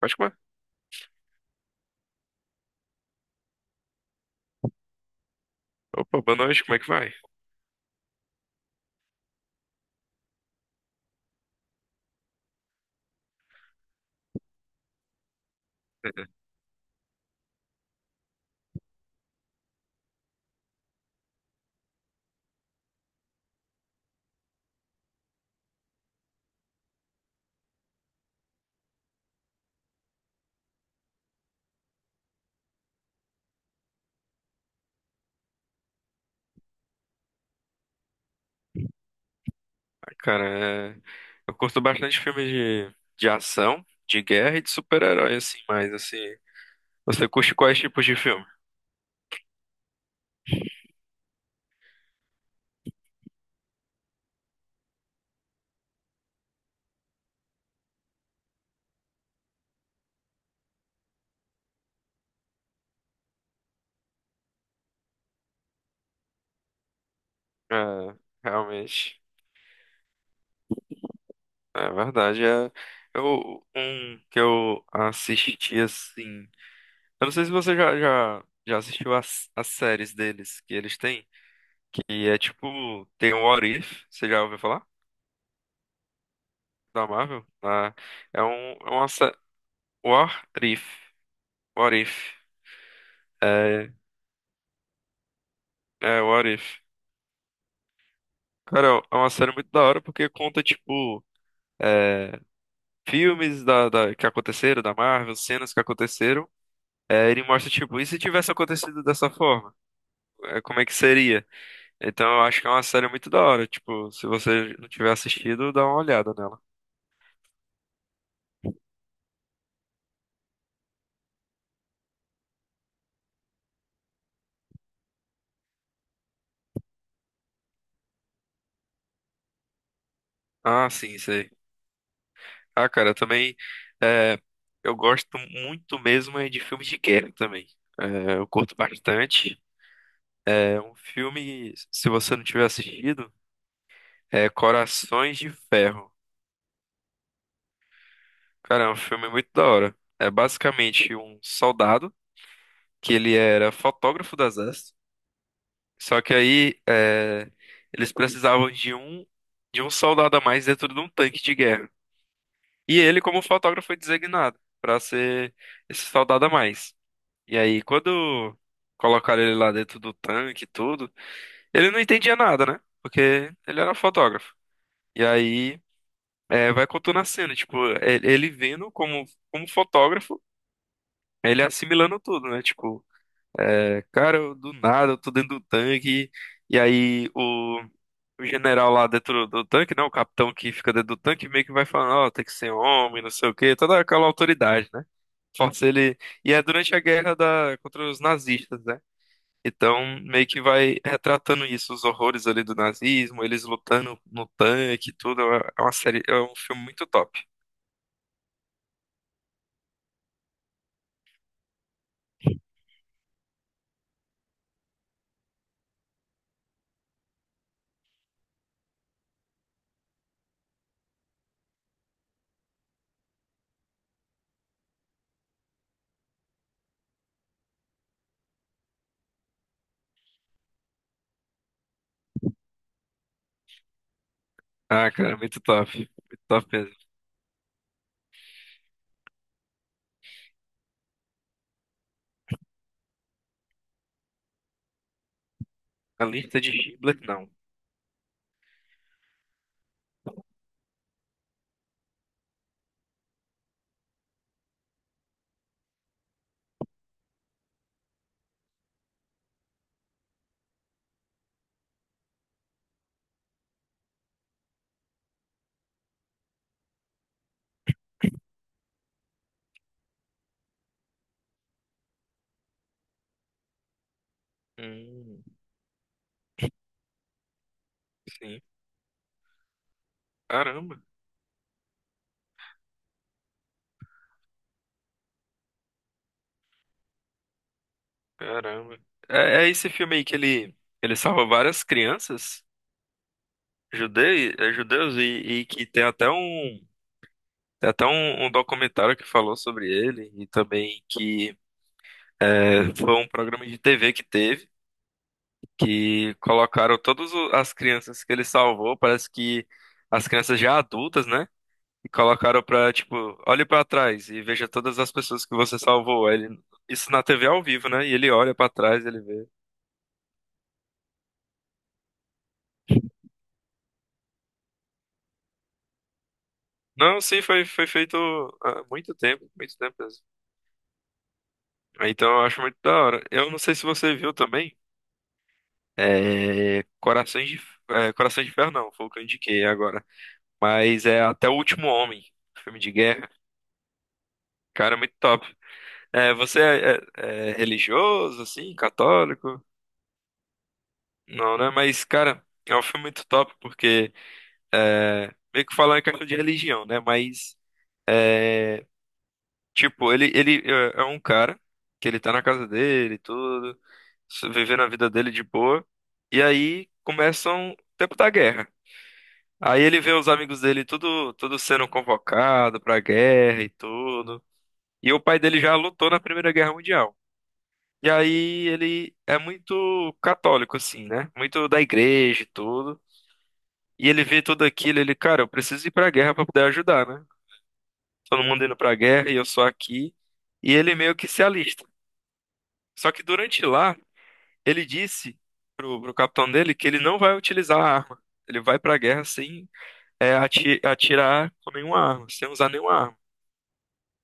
Pode comer. Opa, boa noite, como é que vai? Ah, cara, eu curto bastante filmes de ação, de guerra e de super-herói, assim, mas assim, você curte quais tipos de filme? É, realmente, é verdade. Eu, um que eu assisti, assim, eu não sei se você já assistiu as séries deles que eles têm, que é tipo, tem o What If, você já ouviu falar? Da Marvel? É uma série, What If, What If. É, What If. Cara, é uma série muito da hora porque conta, tipo, é, filmes que aconteceram, da Marvel, cenas que aconteceram. É, ele mostra, tipo, e se tivesse acontecido dessa forma? É, como é que seria? Então eu acho que é uma série muito da hora. Tipo, se você não tiver assistido, dá uma olhada nela. Ah, sim, sei. Ah, cara, eu também. é, eu gosto muito mesmo é de filmes de guerra também. É, eu curto bastante. É um filme, se você não tiver assistido. É Corações de Ferro. Cara, é um filme muito da hora. É basicamente um soldado que ele era fotógrafo do exército. Só que eles precisavam de um soldado a mais dentro de um tanque de guerra. E ele, como fotógrafo, foi designado para ser esse soldado a mais. E aí, quando colocaram ele lá dentro do tanque e tudo, ele não entendia nada, né? Porque ele era fotógrafo. E aí vai contando a cena, tipo, ele vendo como, como fotógrafo, ele assimilando tudo, né? Tipo, é, cara, eu, do nada, eu tô dentro do tanque, e aí o general lá dentro do tanque, né? O capitão que fica dentro do tanque, meio que vai falando, ó, tem que ser homem, não sei o quê, toda aquela autoridade, né? Força ele. E é durante a guerra contra os nazistas, né? Então, meio que vai retratando isso, os horrores ali do nazismo, eles lutando no tanque, e tudo. É uma série, é um filme muito top. Ah, cara, muito top. Muito top mesmo. A Lista de Schindler, não. Hum, sim. Caramba, caramba. É, é esse filme aí ele salva várias crianças judeus e que tem até um, tem até um documentário que falou sobre ele e também que é, foi um programa de TV que teve, que colocaram as crianças que ele salvou, parece que as crianças já adultas, né? E colocaram pra, tipo, olhe pra trás e veja todas as pessoas que você salvou. Aí ele, isso na TV ao vivo, né? E ele olha pra trás, ele vê. Não, sim, foi, foi feito há muito tempo mesmo. Então eu acho muito da hora. Eu não sei se você viu também. É, Corações de, é, Corações de Ferro não, foi o que eu indiquei agora. Mas é Até o Último Homem, filme de guerra. Cara, é muito top. É, você é, é- é religioso, assim, católico? Não, né? Mas, cara, é um filme muito top porque é, meio que falar em questão de religião, né? Mas, é, tipo, ele é um cara que ele tá na casa dele, e tudo, vivendo a vida dele de boa. E aí começam o tempo da guerra. Aí ele vê os amigos dele tudo, tudo sendo convocado pra guerra e tudo. E o pai dele já lutou na Primeira Guerra Mundial. E aí ele é muito católico, assim, né? Muito da igreja e tudo. E ele vê tudo aquilo, ele, cara, eu preciso ir pra guerra pra poder ajudar, né? Todo mundo indo pra guerra e eu só aqui. E ele meio que se alista. Só que durante lá, ele disse pro capitão dele que ele não vai utilizar a arma. Ele vai pra guerra sem atirar com nenhuma arma, sem usar nenhuma arma.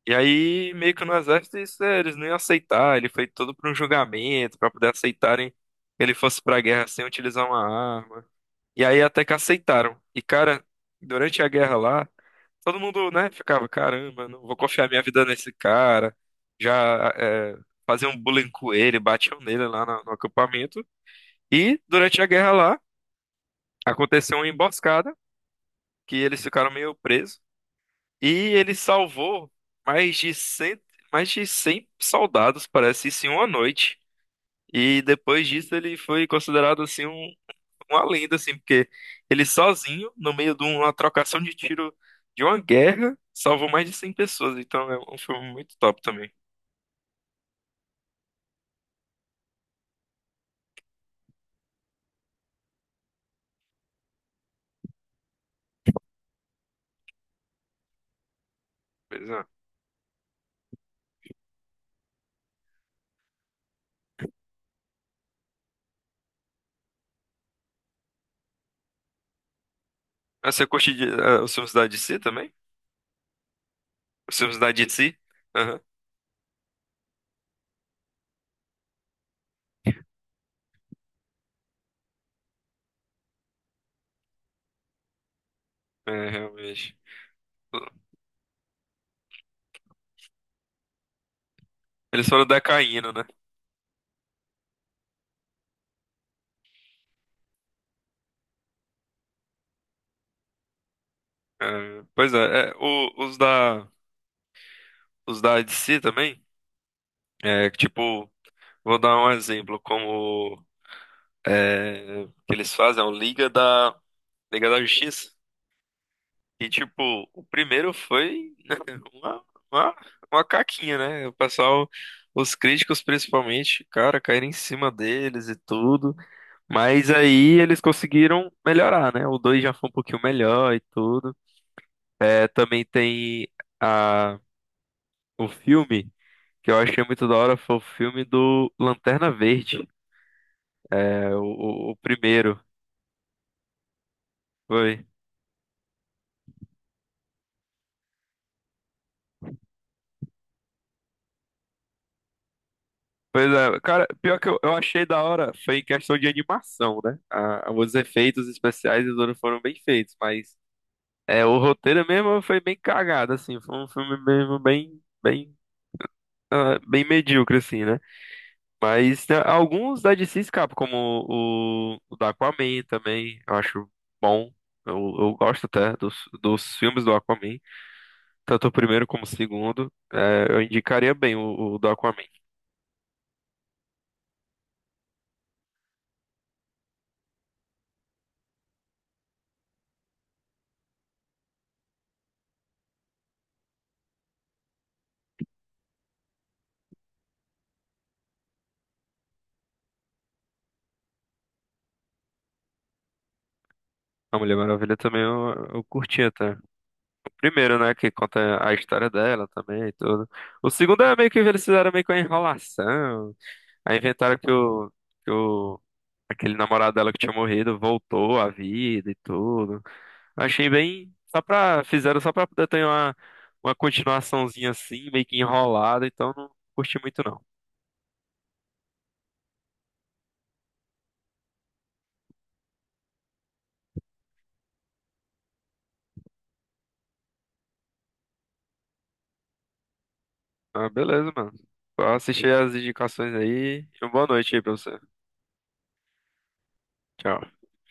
E aí, meio que no exército, isso, é, eles não iam aceitar. Ele foi todo para um julgamento, para poder aceitarem que ele fosse para a guerra sem utilizar uma arma. E aí, até que aceitaram. E, cara, durante a guerra lá. Todo mundo, né, ficava, caramba, não vou confiar minha vida nesse cara. Já é, faziam um bullying com ele, batiam nele lá no acampamento. E durante a guerra lá, aconteceu uma emboscada, que eles ficaram meio presos. E ele salvou mais de 100, mais de 100 soldados, parece, isso em uma noite. E depois disso ele foi considerado assim uma lenda, assim, porque ele sozinho, no meio de uma trocação de tiro de uma guerra, salvou mais de 100 pessoas. Então é um filme muito top também. Pois é. Ah, você curte de, ah, os filmes da DC também? Os filmes da DC? Aham. É, realmente. Eles foram decaindo, né? É, pois é, é, o- os os da DC também, é, tipo, vou dar um exemplo, que eles fazem, é o Liga da Justiça. E tipo, o primeiro foi né, uma, uma, uma caquinha, né? O pessoal, os críticos principalmente, cara, caíram em cima deles e tudo. Mas aí eles conseguiram melhorar, né? O 2 já foi um pouquinho melhor e tudo. É, também tem a, o filme, que eu achei muito da hora, foi o filme do Lanterna Verde. É, o, o primeiro. Foi. Pois é, cara, pior que eu achei da hora foi em questão de animação, né? A, os efeitos especiais eles foram bem feitos, mas é, o roteiro mesmo foi bem cagado, assim, foi um filme mesmo bem, ah, bem medíocre, assim, né? Mas tem alguns da DC escapam, como o da Aquaman também, eu acho bom. Eu gosto até dos filmes do Aquaman, tanto o primeiro como o segundo. É, eu indicaria bem o do Aquaman. A Mulher Maravilha também eu curti até. Primeiro, né, que conta a história dela também e tudo. O segundo é meio que eles fizeram meio que uma enrolação. Aí inventaram que aquele namorado dela que tinha morrido voltou à vida e tudo. Achei bem, só pra, fizeram só pra poder ter uma continuaçãozinha assim, meio que enrolada, então não curti muito não. Ah, beleza, mano. Vou assistir as indicações aí e uma boa noite aí pra você. Tchau.